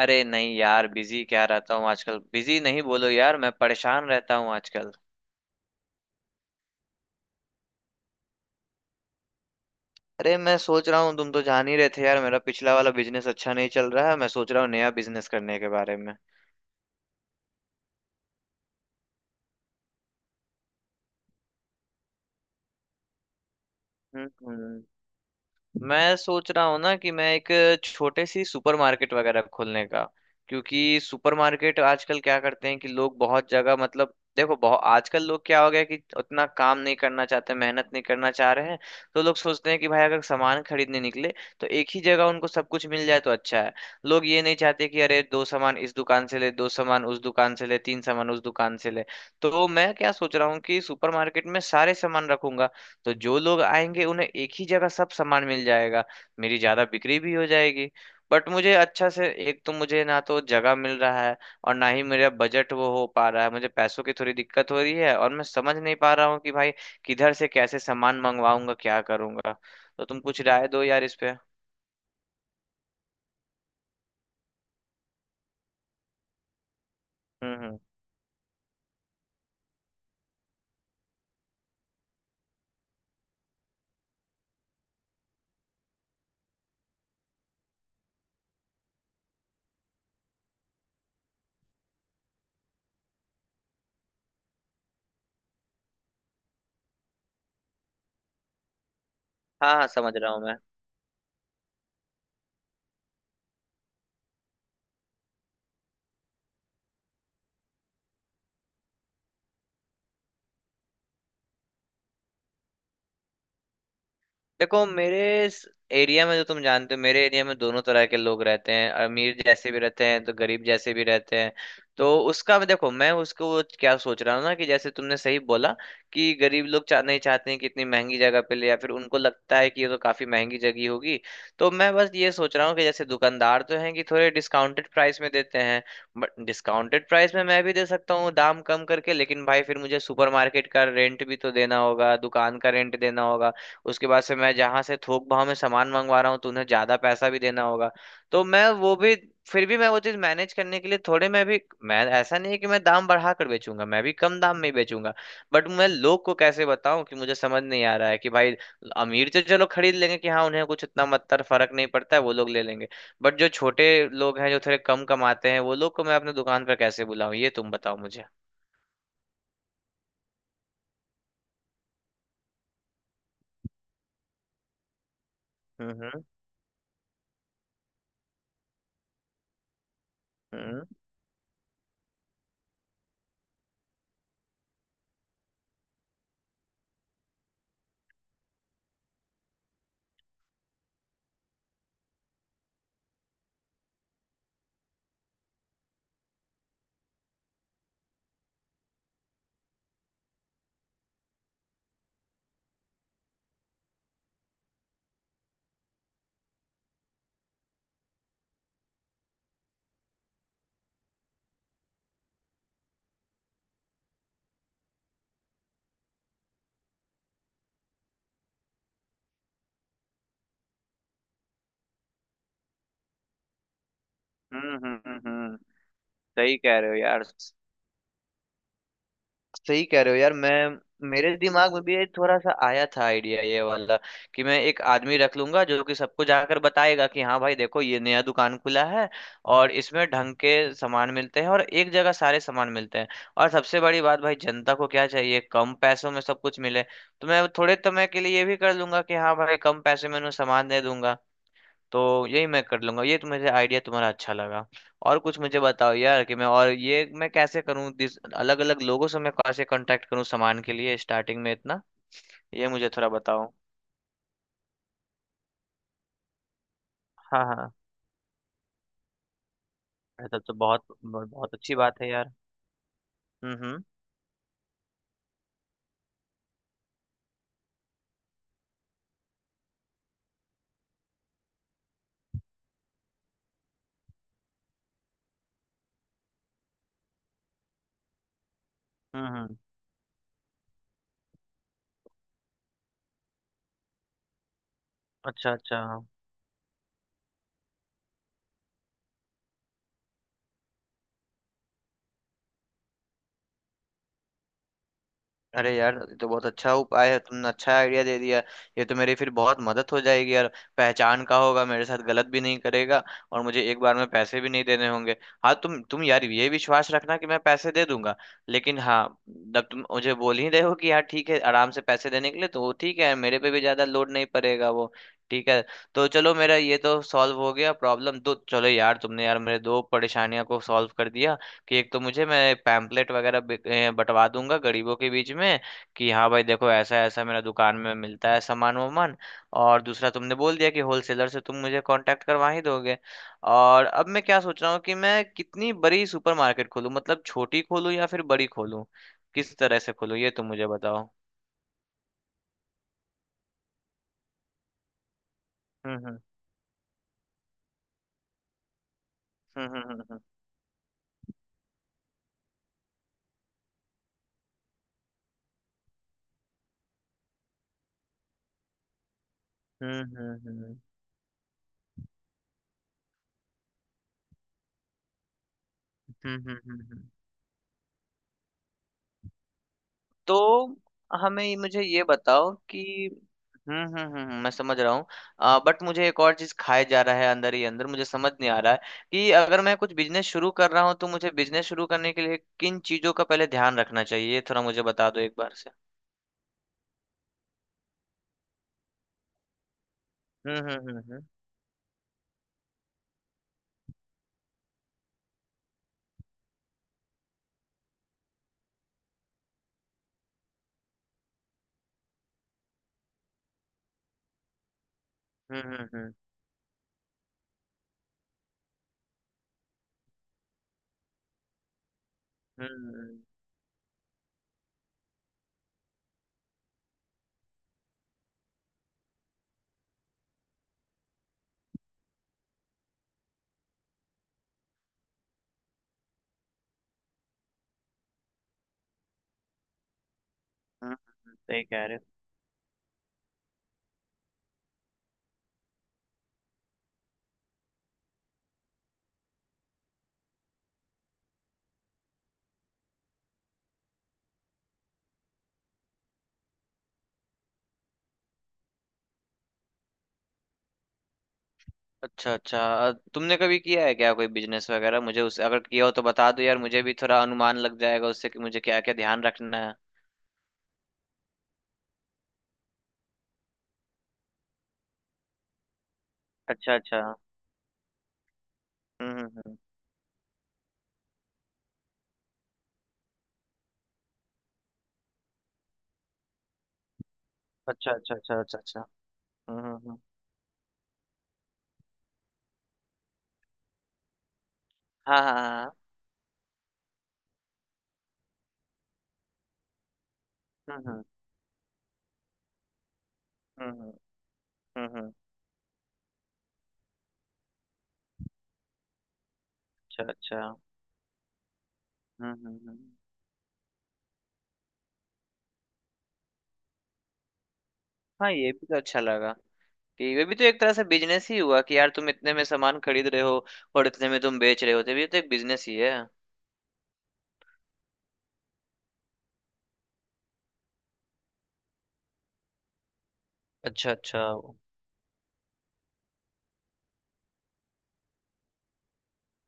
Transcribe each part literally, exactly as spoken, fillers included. अरे नहीं यार, बिजी क्या रहता हूँ आजकल। बिजी नहीं, बोलो यार, मैं परेशान रहता हूँ आजकल। अरे, मैं सोच रहा हूँ, तुम तो जान ही रहे थे यार, मेरा पिछला वाला बिजनेस अच्छा नहीं चल रहा है। मैं सोच रहा हूँ नया बिजनेस करने के बारे में। हम्म हम्म। मैं सोच रहा हूँ ना कि मैं एक छोटे सी सुपरमार्केट वगैरह खोलने का। क्योंकि सुपरमार्केट आजकल क्या करते हैं कि लोग बहुत जगह, मतलब देखो, बहुत आजकल लोग क्या हो गया कि उतना काम नहीं करना चाहते, मेहनत नहीं करना चाह रहे हैं। तो लोग सोचते हैं कि भाई, अगर सामान खरीदने निकले तो एक ही जगह उनको सब कुछ मिल जाए तो अच्छा है। लोग ये नहीं चाहते कि अरे, दो सामान इस दुकान से ले, दो सामान उस दुकान से ले, तीन सामान उस दुकान से ले। तो मैं क्या सोच रहा हूँ कि सुपरमार्केट में सारे सामान रखूंगा, तो जो लोग आएंगे उन्हें एक ही जगह सब सामान मिल जाएगा, मेरी ज्यादा बिक्री भी हो जाएगी। बट मुझे अच्छा से, एक तो मुझे ना तो जगह मिल रहा है, और ना ही मेरा बजट वो हो पा रहा है, मुझे पैसों की थोड़ी दिक्कत हो रही है, और मैं समझ नहीं पा रहा हूँ कि भाई किधर से कैसे सामान मंगवाऊंगा, क्या करूंगा। तो तुम कुछ राय दो यार इस पे। हम्म हम्म। हाँ हाँ, समझ रहा हूँ मैं। देखो मेरे इस एरिया में, जो तुम जानते हो, मेरे एरिया में दोनों तरह के लोग रहते हैं, अमीर जैसे भी रहते हैं तो गरीब जैसे भी रहते हैं। तो उसका मैं देखो मैं उसको क्या सोच रहा हूँ ना, कि जैसे तुमने सही बोला कि गरीब लोग चाह नहीं, चाहते हैं कि इतनी महंगी जगह पे ले, या फिर उनको लगता है कि ये तो काफी महंगी जगह होगी। तो मैं बस ये सोच रहा हूँ कि जैसे दुकानदार तो हैं कि थोड़े डिस्काउंटेड प्राइस में देते हैं। बट डिस्काउंटेड प्राइस में मैं भी दे सकता हूँ दाम कम करके, लेकिन भाई फिर मुझे सुपरमार्केट का रेंट भी तो देना होगा, दुकान का रेंट देना होगा। उसके बाद से मैं जहां से थोक भाव में सामान मंगवा रहा हूँ तो उन्हें ज्यादा पैसा भी देना होगा। तो मैं वो भी, फिर भी मैं वो चीज मैनेज करने के लिए, थोड़े मैं भी, मैं ऐसा नहीं है कि मैं दाम बढ़ा कर बेचूंगा, मैं भी कम दाम में ही बेचूंगा। बट मैं लोग को कैसे बताऊं, कि मुझे समझ नहीं आ रहा है कि भाई अमीर तो चलो खरीद लेंगे, कि हाँ उन्हें कुछ इतना मतलब फर्क नहीं पड़ता है, वो लोग ले लेंगे। बट जो छोटे लोग हैं जो थोड़े कम कमाते हैं वो लोग को मैं अपने दुकान पर कैसे बुलाऊं, ये तुम बताओ मुझे। हम्म हम्म हम्म हम्म हम्म हम्म, हम्म। सही कह रहे हो यार। सही कह रहे हो यार। मैं मेरे दिमाग में भी ये थोड़ा सा आया था आइडिया ये वाला, कि मैं एक आदमी रख लूंगा जो कि सबको जाकर बताएगा कि हाँ भाई देखो, ये नया दुकान खुला है, और इसमें ढंग के सामान मिलते हैं, और एक जगह सारे सामान मिलते हैं। और सबसे बड़ी बात भाई, जनता को क्या चाहिए? कम पैसों में सब कुछ मिले। तो मैं थोड़े समय के लिए ये भी कर लूंगा कि हाँ भाई कम पैसे में उन्हें सामान दे दूंगा। तो यही मैं कर लूंगा, ये तो मुझे आइडिया तुम्हारा अच्छा लगा। और कुछ मुझे बताओ यार, कि मैं, और ये मैं कैसे करूँ? दिस, अलग अलग लोगों से मैं कैसे कांटेक्ट करूँ सामान के लिए स्टार्टिंग में इतना? ये मुझे थोड़ा बताओ। हाँ हाँ। ये तो, तो बहुत बहुत अच्छी बात है यार। हम्म हम्म हम्म हम्म। अच्छा अच्छा। अरे यार ये तो बहुत अच्छा उपाय है, तुमने अच्छा आइडिया दे दिया। ये तो मेरी फिर बहुत मदद हो जाएगी यार। पहचान का होगा, मेरे साथ गलत भी नहीं करेगा। और मुझे एक बार में पैसे भी नहीं देने होंगे। हाँ तुम तुम यार, ये विश्वास रखना कि मैं पैसे दे दूंगा, लेकिन हाँ, जब तुम मुझे बोल ही रहे हो कि यार ठीक है आराम से पैसे देने के लिए तो वो ठीक है, मेरे पे भी ज्यादा लोड नहीं पड़ेगा वो। ठीक है। तो चलो, मेरा ये तो सॉल्व हो गया प्रॉब्लम। तो चलो यार, तुमने यार मेरे दो परेशानियों को सॉल्व कर दिया। कि एक तो मुझे मैं पैम्पलेट वगैरह बि- ए, बंटवा दूंगा गरीबों के बीच में, कि हाँ भाई देखो ऐसा ऐसा मेरा दुकान में मिलता है सामान वामान। और दूसरा तुमने बोल दिया कि होलसेलर से तुम मुझे कांटेक्ट करवा ही दोगे। और अब मैं क्या सोच रहा हूँ कि मैं कितनी बड़ी सुपरमार्केट खोलूँ? मतलब छोटी खोलूँ या फिर बड़ी खोलूँ? किस तरह से खोलूँ, ये तुम मुझे बताओ। हम्म हम्म हम्म हम्म हम्म हम्म हम्म हम्म हम्म हम्म हम्म हम्म, हम्म, हम्म, हम्म। तो हमें मुझे ये बताओ कि, हम्म हम्म हम्म हम्म, मैं समझ रहा हूँ। आ, बट मुझे एक और चीज खाए जा रहा है अंदर ही अंदर, मुझे समझ नहीं आ रहा है कि अगर मैं कुछ बिजनेस शुरू कर रहा हूँ तो मुझे बिजनेस शुरू करने के लिए किन चीजों का पहले ध्यान रखना चाहिए, ये थोड़ा मुझे बता दो एक बार से। हम्म हम्म हम्म हम्म हम्म हम्म हम्म, हम्म, हम्म, हम्म। सही कह रहे हो। अच्छा अच्छा। अ, तुमने कभी किया है क्या कोई बिजनेस वगैरह? मुझे उस, अगर किया हो तो बता दो यार, मुझे भी थोड़ा अनुमान लग जाएगा उससे कि मुझे क्या क्या ध्यान रखना है। अच्छा अच्छा। हम्म हम्म हम्म। अच्छा अच्छा अच्छा अच्छा अच्छा। हम्म हम्म हम्म। हाँ हाँ। हाँ हाँ। हम्म हम्म हम्म हम्म हम्म। हम्म। अच्छा अच्छा हम्म हम्म हम्म। हम्म। हाँ, ये भी तो अच्छा लगा, कि वे भी तो एक तरह से बिजनेस ही हुआ, कि यार तुम इतने में सामान खरीद रहे हो, और इतने में तुम बेच रहे हो, तो ये तो एक बिजनेस ही है। अच्छा अच्छा। हम्म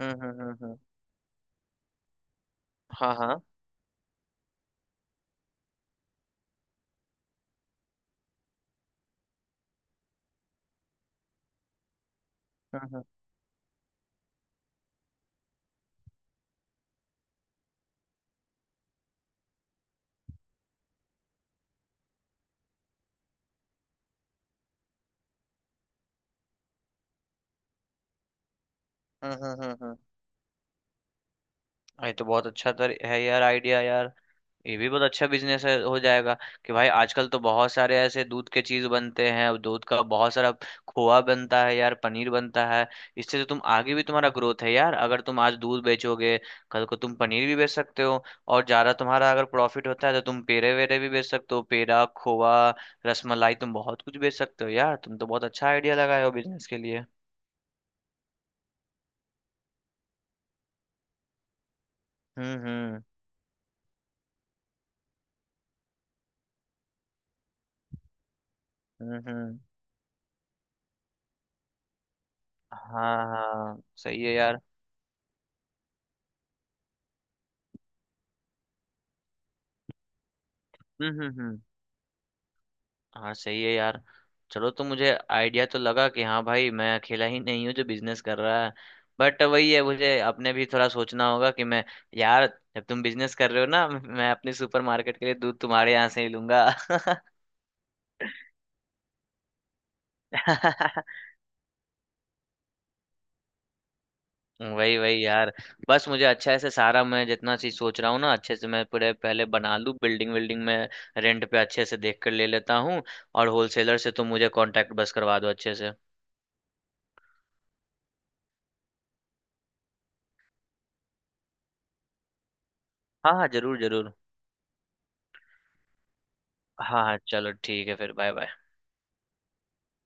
हम्म हम्म हम्म। हाँ हाँ। हम्म हम्म हम्म हम्म हम्म हम्म। ये तो बहुत अच्छा तर है यार, आइडिया यार। ये भी बहुत अच्छा बिजनेस है, हो जाएगा। कि भाई आजकल तो बहुत सारे ऐसे दूध के चीज बनते हैं, और दूध का बहुत सारा खोआ बनता है यार, पनीर बनता है। इससे तो तुम, आगे भी तुम्हारा ग्रोथ है यार। अगर तुम आज दूध बेचोगे, कल को तुम पनीर भी बेच सकते हो। और ज्यादा तुम्हारा अगर प्रॉफिट होता है तो तुम पेड़े वेरे भी बेच सकते हो, पेड़ा, खोआ, रसमलाई, तुम बहुत कुछ बेच सकते हो यार। तुम तो बहुत अच्छा आइडिया लगाए हो बिजनेस के लिए। हम्म हम्म हम्म हम्म। हाँ हाँ, सही है यार। हम्म हम्म हम्म। हाँ, सही है यार। चलो, तो मुझे आइडिया तो लगा कि हाँ भाई मैं अकेला ही नहीं हूँ जो बिजनेस कर रहा है। बट वही है, मुझे अपने भी थोड़ा सोचना होगा कि मैं, यार जब तुम बिजनेस कर रहे हो ना, मैं अपने सुपरमार्केट के लिए दूध तुम्हारे यहाँ से ही लूंगा। वही वही यार। बस मुझे अच्छा से सारा, मैं जितना चीज सोच रहा हूँ ना अच्छे से मैं पूरे पहले बना लूँ बिल्डिंग विल्डिंग में, रेंट पे अच्छे से देख कर ले लेता हूँ। और होलसेलर से तुम मुझे कांटेक्ट बस करवा दो अच्छे से। हाँ हाँ, जरूर जरूर। हाँ हाँ, चलो ठीक है फिर, बाय बाय।